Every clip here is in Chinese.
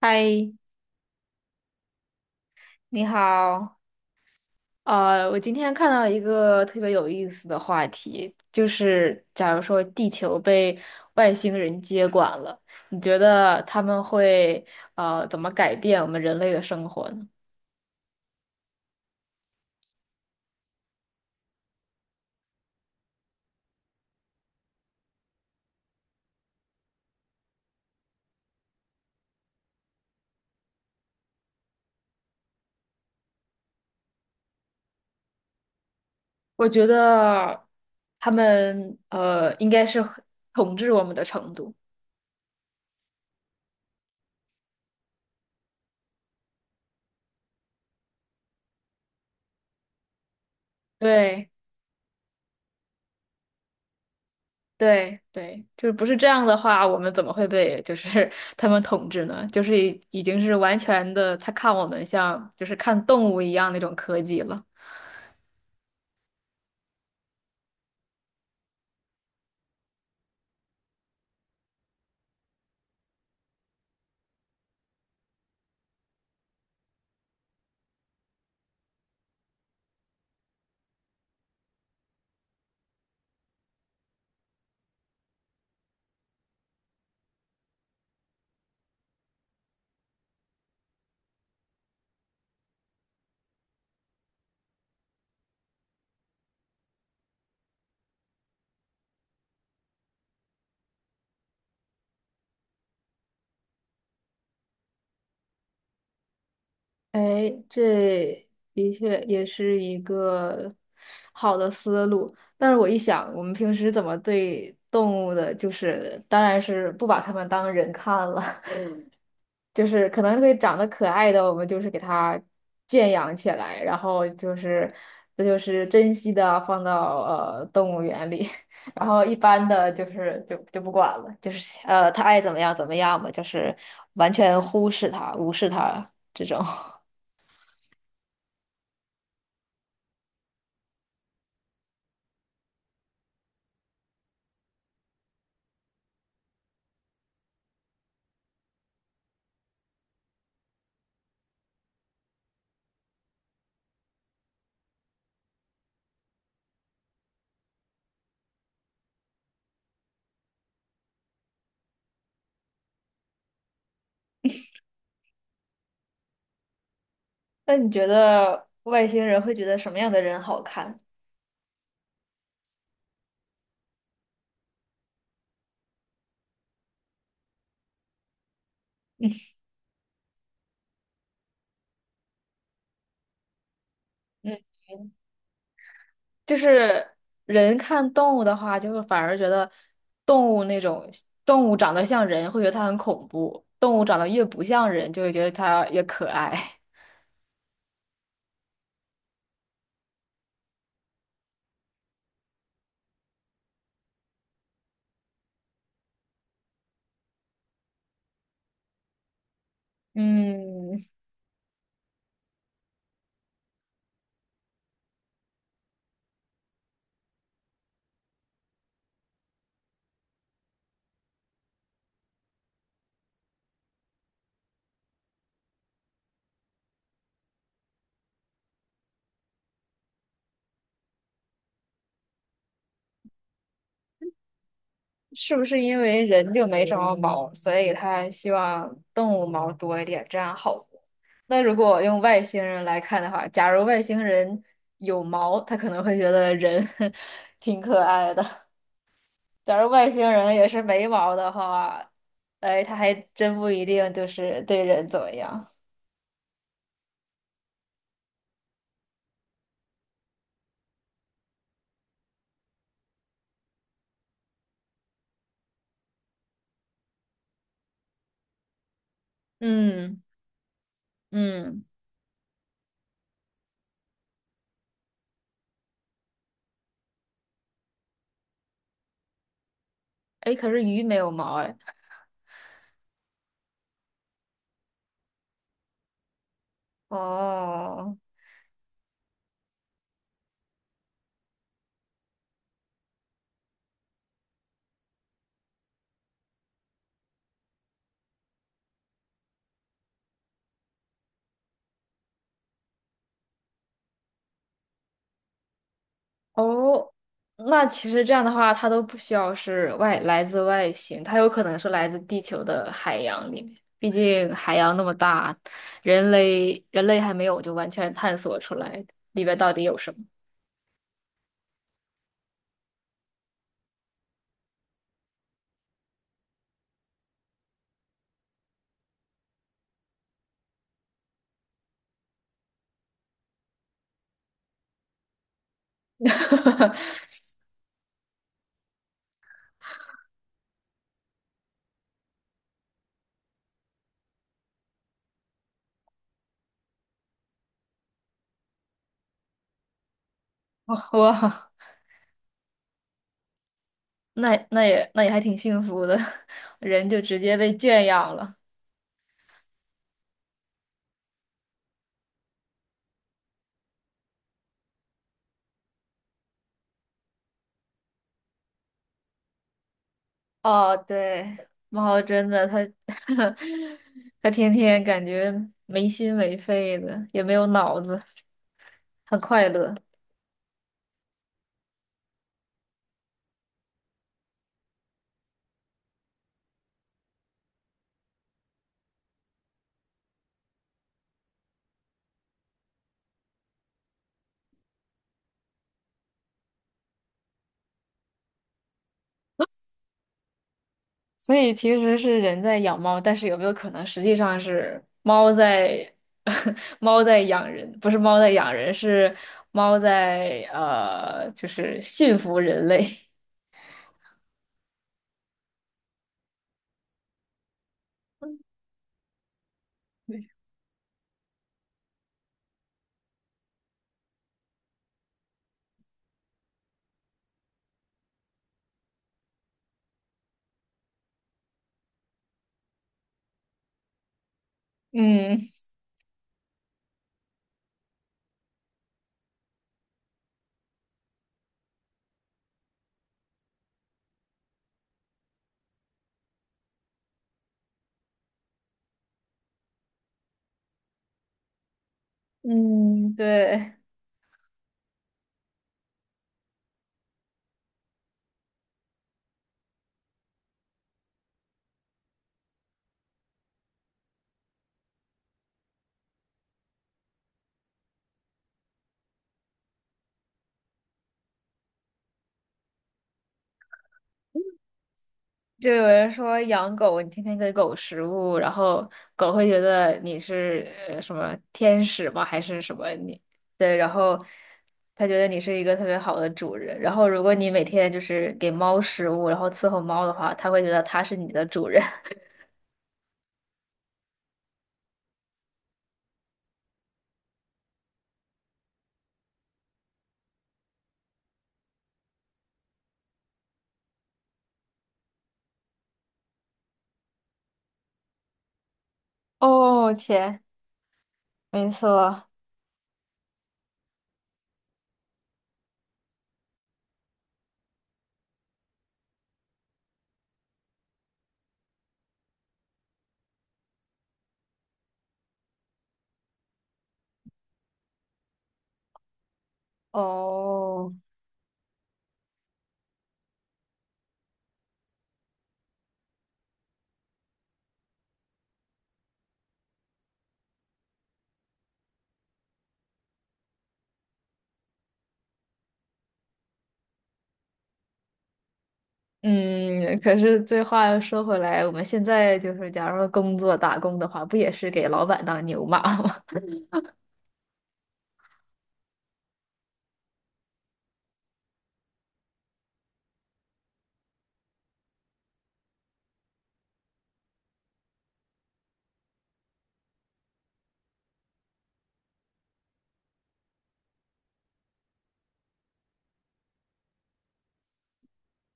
嗨，你好。我今天看到一个特别有意思的话题，就是假如说地球被外星人接管了，你觉得他们会怎么改变我们人类的生活呢？我觉得他们应该是统治我们的程度。对。对对，就是不是这样的话，我们怎么会被就是 他们统治呢？就是已经是完全的，他看我们像就是看动物一样那种科技了。哎，这的确也是一个好的思路。但是我一想，我们平时怎么对动物的，就是当然是不把它们当人看了。就是可能会长得可爱的，我们就是给它圈养起来，然后就是这就是珍惜的放到动物园里，然后一般的就是就不管了，就是它爱怎么样怎么样吧，就是完全忽视它、无视它这种。那你觉得外星人会觉得什么样的人好看？嗯。就是人看动物的话，就会反而觉得动物那种动物长得像人，会觉得它很恐怖；动物长得越不像人，就会觉得它越可爱。嗯，是不是因为人就没什么毛，所以他希望动物毛多一点，这样好摸。那如果用外星人来看的话，假如外星人有毛，他可能会觉得人 挺可爱的。假如外星人也是没毛的话，哎，他还真不一定就是对人怎么样。嗯嗯，哎，可是鱼没有毛哎。哦哦，那其实这样的话，它都不需要是外来自外星，它有可能是来自地球的海洋里面。毕竟海洋那么大，人类还没有就完全探索出来里边到底有什么。哇哇！那那也还挺幸福的，人就直接被圈养了。哦，对，猫真的，它 它天天感觉没心没肺的，也没有脑子，很快乐。所以其实是人在养猫，但是有没有可能实际上是猫在 猫在养人？不是猫在养人，是猫在就是驯服人类。嗯嗯，对。就有人说养狗，你天天给狗食物，然后狗会觉得你是什么天使吗？还是什么你？对，然后它觉得你是一个特别好的主人。然后如果你每天就是给猫食物，然后伺候猫的话，它会觉得它是你的主人。哦，天，没错，哦，嗯，可是这话又说回来，我们现在就是假如说工作打工的话，不也是给老板当牛马吗？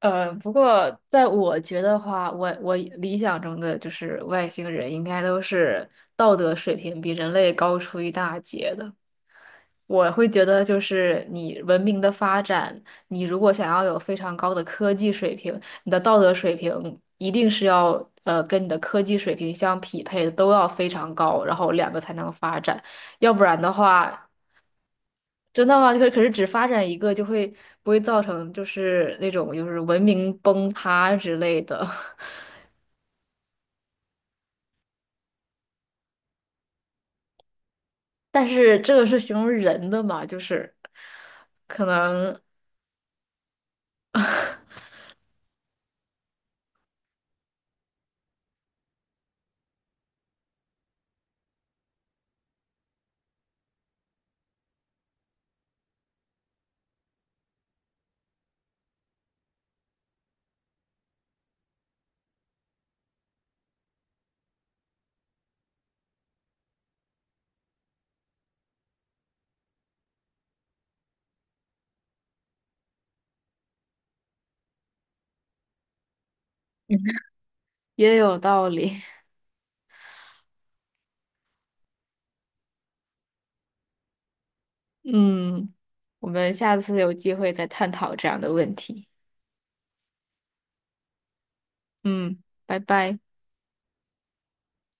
呃，不过在我觉得话，我理想中的就是外星人应该都是道德水平比人类高出一大截的。我会觉得，就是你文明的发展，你如果想要有非常高的科技水平，你的道德水平一定是要跟你的科技水平相匹配的，都要非常高，然后两个才能发展。要不然的话，真的吗？可是只发展一个，就会不会造成就是那种就是文明崩塌之类的？但是这个是形容人的嘛，就是可能 也有道理。嗯，我们下次有机会再探讨这样的问题。嗯，拜拜。